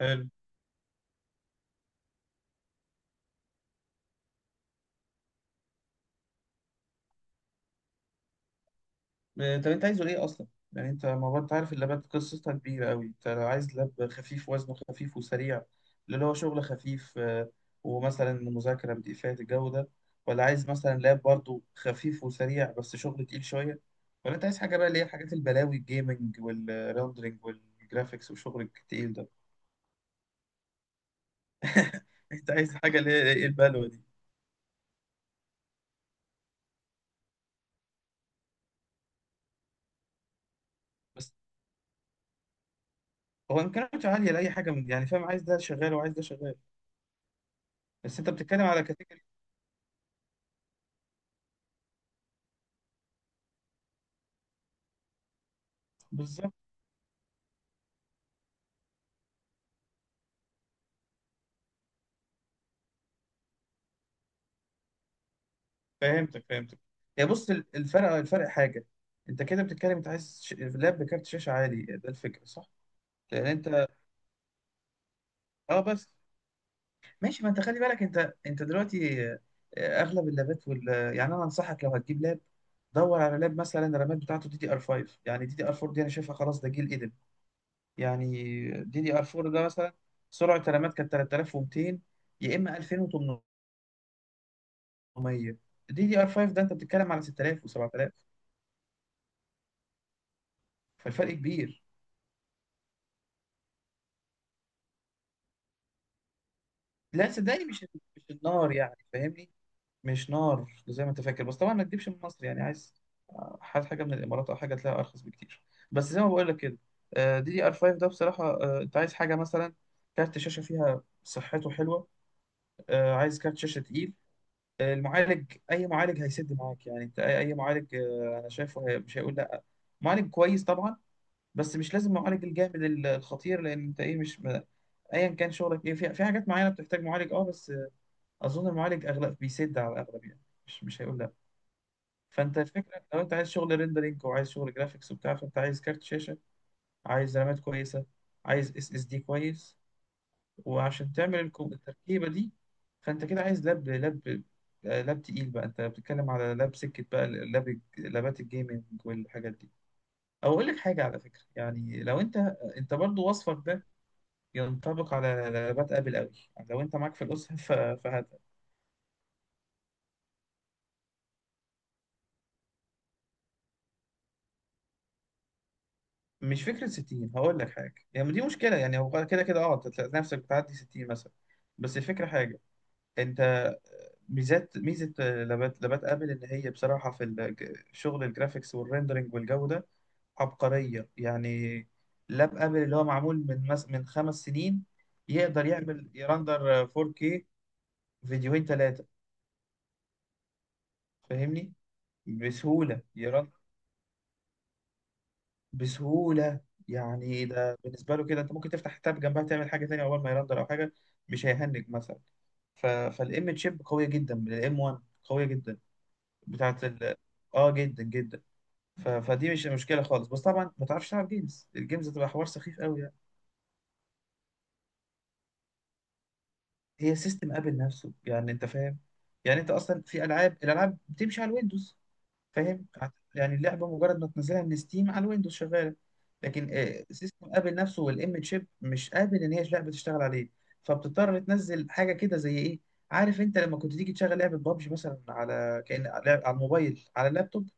حلو. طب انت عايزه ايه اصلا؟ يعني انت ما هو انت عارف اللابات قصتها كبيره قوي. انت لو عايز لاب خفيف وزنه خفيف وسريع، اللي هو شغل خفيف، ومثلا مذاكره بدقيقات الجو ده، ولا عايز مثلا لاب برضه خفيف وسريع بس شغل تقيل شويه، ولا انت عايز حاجه بقى اللي هي حاجات البلاوي الجيمنج والريندرنج والجرافيكس والشغل التقيل ده؟ انت عايز حاجه اللي هي ايه البلوه دي؟ بس هو امكانياته عاليه لاي حاجه، من يعني فاهم عايز ده شغال وعايز ده شغال. بس انت بتتكلم على كاتيجوري. بالظبط. فهمتك فهمتك. يا بص، الفرق حاجه. انت كده بتتكلم، انت عايز لاب بكارت شاشه عالي، ده الفكره، صح؟ لان انت اه بس، ماشي. ما انت خلي بالك، انت دلوقتي، اغلب اللابات يعني انا انصحك لو هتجيب لاب، دور على لاب مثلا الرامات بتاعته دي دي ار 5، يعني دي دي ار 4 دي انا شايفها خلاص ده جيل قديم يعني. دي دي ار 4 ده مثلا سرعه الرامات كانت 3200 يا اما 2800. دي دي ار 5 ده انت بتتكلم على 6000 و7000، فالفرق كبير. لا صدقني، مش النار يعني، فاهمني؟ مش نار زي ما انت فاكر، بس طبعا ما تجيبش من مصر يعني. عايز حاجة من الامارات او حاجة تلاقيها ارخص بكتير. بس زي ما بقول لك كده، دي دي ار 5 ده بصراحة، انت عايز حاجة مثلا كارت شاشة فيها صحته حلوة، عايز كارت شاشة تقيل، المعالج اي معالج هيسد معاك يعني. انت أي معالج، انا شايفه مش هيقول لا. معالج كويس طبعا، بس مش لازم معالج الجامد الخطير. لان انت ايه، مش ايا كان شغلك ايه. في حاجات معينة بتحتاج معالج اه، بس اظن المعالج اغلب بيسد، على الاغلب يعني، مش هيقول لا. فانت الفكره، لو انت عايز شغل ريندرينج وعايز شغل جرافيكس وبتاع، فانت عايز كارت شاشه، عايز رامات كويسه، عايز اس اس دي كويس، وعشان تعمل التركيبه دي. فانت كده عايز لاب، لاب تقيل بقى، انت بتتكلم على لاب سكه بقى، لابات الجيمنج والحاجات دي. او اقول لك حاجه على فكره، يعني لو انت برضو، وصفك ده ينطبق على لابات ابل قوي، يعني لو انت معاك في الاسره. مش فكرة 60، هقول لك حاجة يعني، دي مشكلة يعني. هو كده كده اه أنت تلاقي نفسك بتعدي 60 مثلا. بس الفكرة حاجة، انت ميزة لابات ابل، ان هي بصراحة في شغل الجرافيكس والريندرنج والجو ده عبقرية يعني. لاب ابل اللي هو معمول من من خمس سنين يقدر يعمل يرندر 4K فيديوهين ثلاثة، فاهمني، بسهولة. بسهولة يعني، ده بالنسبة له كده انت ممكن تفتح تاب جنبها تعمل حاجة تانية اول ما يرندر او حاجة، مش هيهنج مثلا. فالام تشيب قوية جدا، من الام 1 قوية جدا بتاعت ال اه جدا جدا. فدي مش مشكلة خالص، بس طبعا ما تعرفش تلعب جيمز، الجيمز هتبقى حوار سخيف قوي يعني. هي سيستم ابل نفسه يعني، انت فاهم؟ يعني انت اصلا في الالعاب بتمشي على الويندوز، فاهم؟ يعني اللعبه مجرد ما تنزلها من ستيم على الويندوز شغاله. لكن سيستم ابل نفسه والام شيب مش قابل ان هي اللعبه تشتغل عليه، فبتضطر تنزل حاجه كده زي ايه؟ عارف انت لما كنت تيجي تشغل لعبه بابجي مثلا، على كأن على الموبايل على اللابتوب،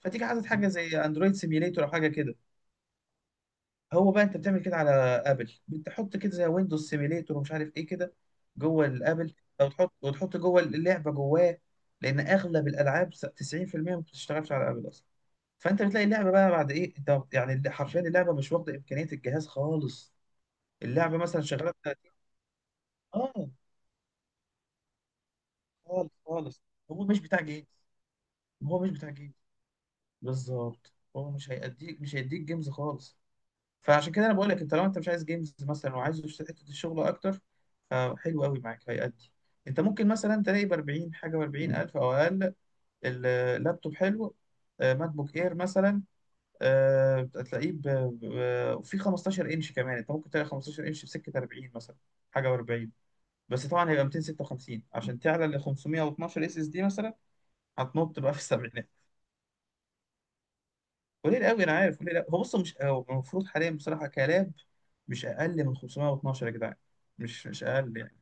فتيجي عايز حاجه زي اندرويد سيميليتور او حاجه كده؟ هو بقى انت بتعمل كده على ابل، بتحط كده زي ويندوز سيميليتور ومش عارف ايه كده جوه الابل، او تحط جوه اللعبه جواه، لان اغلب الالعاب 90% ما بتشتغلش على ابل اصلا. فانت بتلاقي اللعبه بقى بعد ايه، انت يعني حرفيا اللعبه مش واخده امكانيه الجهاز خالص، اللعبه مثلا شغاله 30. اه، خالص خالص. هو مش بتاع جيمز. هو مش بتاع جيمز. بالظبط، هو مش مش هيديك جيمز خالص. فعشان كده انا بقول لك انت لو انت مش عايز جيمز مثلا وعايز حته الشغل اكتر، فحلو قوي معاك، هيأدي. انت ممكن مثلا تلاقي ب 40 حاجه، ب 40 الف او اقل، اللابتوب حلو. ماك بوك اير مثلا، هتلاقيه في 15 انش كمان، انت ممكن تلاقي 15 انش بسكه 40 مثلا، حاجه و40. بس طبعا هيبقى 256، عشان تعلى ل 512 اس اس دي مثلا هتنط بقى في السبعينات. قليل قوي انا عارف، قليل قوي. هو بص، مش هو المفروض حاليا بصراحه كلاب مش اقل من 512 يا جدعان، مش اقل يعني.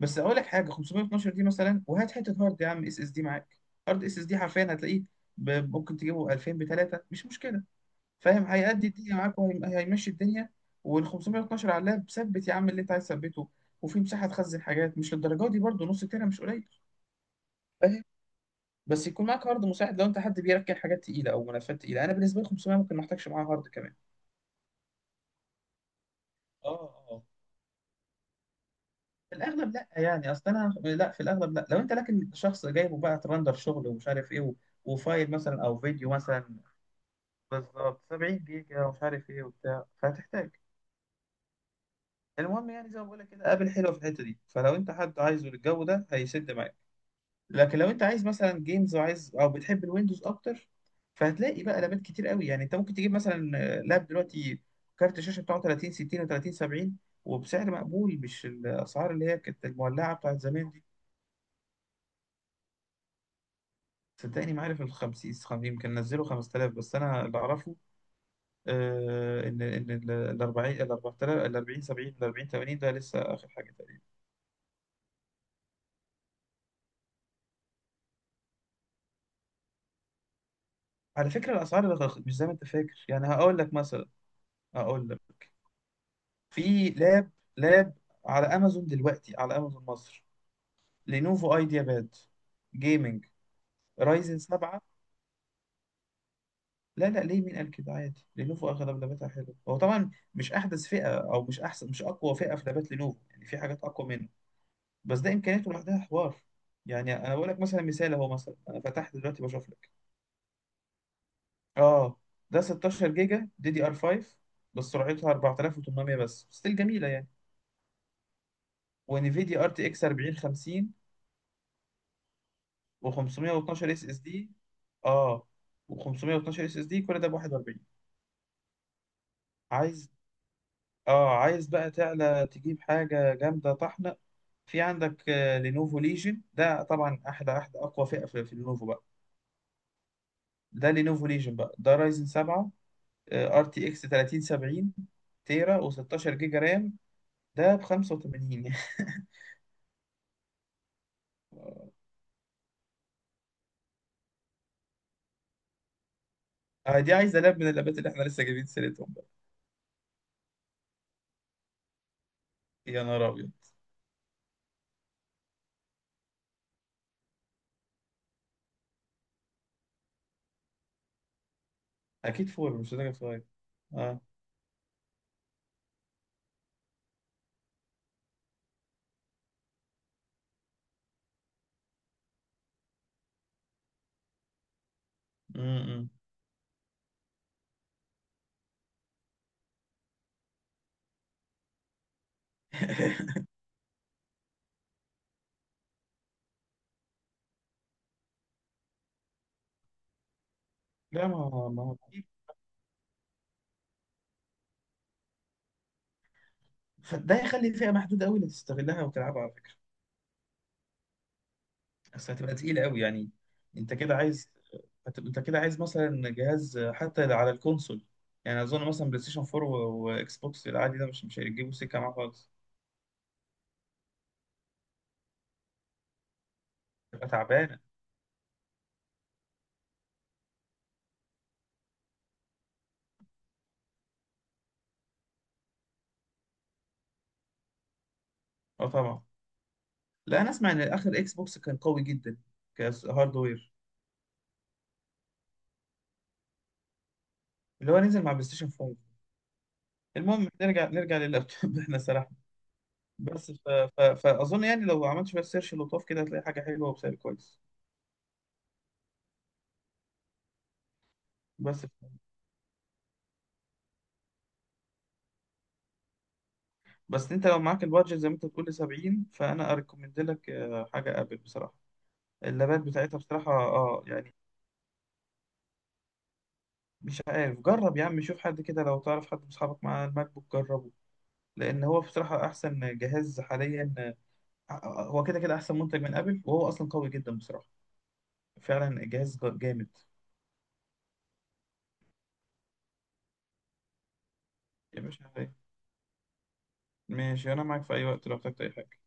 بس اقول لك حاجه، 512 دي مثلا وهات حته هارد يا عم اس اس دي معاك. هارد اس اس دي حرفيا هتلاقيه، ممكن تجيبه 2000 ب 3، مش مشكله، فاهم؟ هيأدي الدنيا معاك وهيمشي الدنيا. وال 512 على اللاب ثبت يا عم اللي انت عايز تثبته، وفي مساحه تخزن حاجات، مش للدرجه دي برضه، نص تيرا مش قليل، فاهم؟ بس يكون معاك هارد مساعد لو انت حد بيركن حاجات تقيله او ملفات تقيله. انا بالنسبه لي 500 ممكن ما احتاجش معاها هارد كمان. اه اه، في الاغلب لا يعني، اصل انا لا، في الاغلب لا. لو انت لكن شخص جايبه بقى ترندر شغل ومش عارف ايه وفايل مثلا او فيديو مثلا، بالظبط 70 جيجا ومش عارف ايه وبتاع، فهتحتاج. المهم يعني، زي ما بقول لك كده، ابل حلوه في الحته دي، فلو انت حد عايزه للجو ده، هيسد معاك. لكن لو انت عايز مثلا جيمز، وعايز او بتحب الويندوز اكتر، فهتلاقي بقى لابات كتير قوي يعني. انت ممكن تجيب مثلا، لاب دلوقتي كارت الشاشه بتاعه 30 60 و30 70، وبسعر مقبول، مش الاسعار اللي هي كانت المولعه بتاعت زمان دي. صدقني ما عارف ال 50 يمكن نزلوا 5000، بس انا اللي اعرفه ان ال 40، ال 4000، ال 40 70، ال 40 80 ده لسه اخر حاجه. على فكرة الأسعار مش زي ما أنت فاكر يعني، هقول لك مثلا، هقول لك، في لاب على أمازون دلوقتي، على أمازون مصر، لينوفو أيديا باد جيمنج، رايزن 7. لا لا، ليه؟ مين قال كده؟ عادي لينوفو أغلب لاباتها حلوة. هو طبعا مش أحدث فئة، أو مش أقوى فئة في لابات لينوفو، يعني في حاجات أقوى منه، بس ده إمكانياته لوحدها حوار. يعني أنا بقول لك مثلا، مثال أهو، مثلا أنا فتحت دلوقتي بشوف لك. أه، ده 16 جيجا دي دي ار 5، بس سرعتها 4800، بس ستيل جميلة يعني، ونفيديا ار تي اكس 4050، و512 اس اس دي. اه، و512 اس اس دي، كل ده ب 41. عايز اه عايز بقى تعلى تجيب حاجه جامده طحنه، في عندك لينوفو ليجن، ده طبعا احلى اقوى فئه في لينوفو بقى. ده لينوفو ليجن بقى، ده رايزن 7، ار تي اكس 3070، تيرا و16 جيجا رام، ده ب 85. دي عايزه لاب من اللابات اللي احنا لسه جايبين سيرتهم بقى. يا نهار ابيض. اكيد فور، مش هتبقى صغير. امم لا، ما هو فده يخلي فئة محدودة قوي اللي تستغلها وتلعبها، على فكرة، بس هتبقى تقيلة قوي يعني. انت كده عايز، انت كده عايز مثلا جهاز حتى على الكونسول، يعني اظن مثلا بلاي ستيشن 4 واكس بوكس العادي ده مش هيجيبوا سكة معاه خالص، تبقى تعبانة. اه طبعا. لا انا اسمع ان اخر اكس بوكس كان قوي جدا كهاردوير، اللي هو نزل مع بلاي ستيشن 5. المهم، نرجع لللابتوب، احنا سرحنا. بس فاظن يعني لو عملت شوية سيرش لطاف كده، هتلاقي حاجة حلوة وبسعر كويس. بس بس انت لو معاك البادجت زي ما انت بتقول 70، فانا اريكومند لك حاجه ابل بصراحه، اللابات بتاعتها بصراحه اه يعني، مش عارف، جرب يا عم، شوف حد كده لو تعرف حد من اصحابك مع الماك بوك، جربه، لان هو بصراحه احسن جهاز حاليا. هو كده كده احسن منتج من ابل، وهو اصلا قوي جدا بصراحه، فعلا جهاز جامد. يا باشا، ماشي، انا معاك في اي وقت لو احتجت اي حاجه.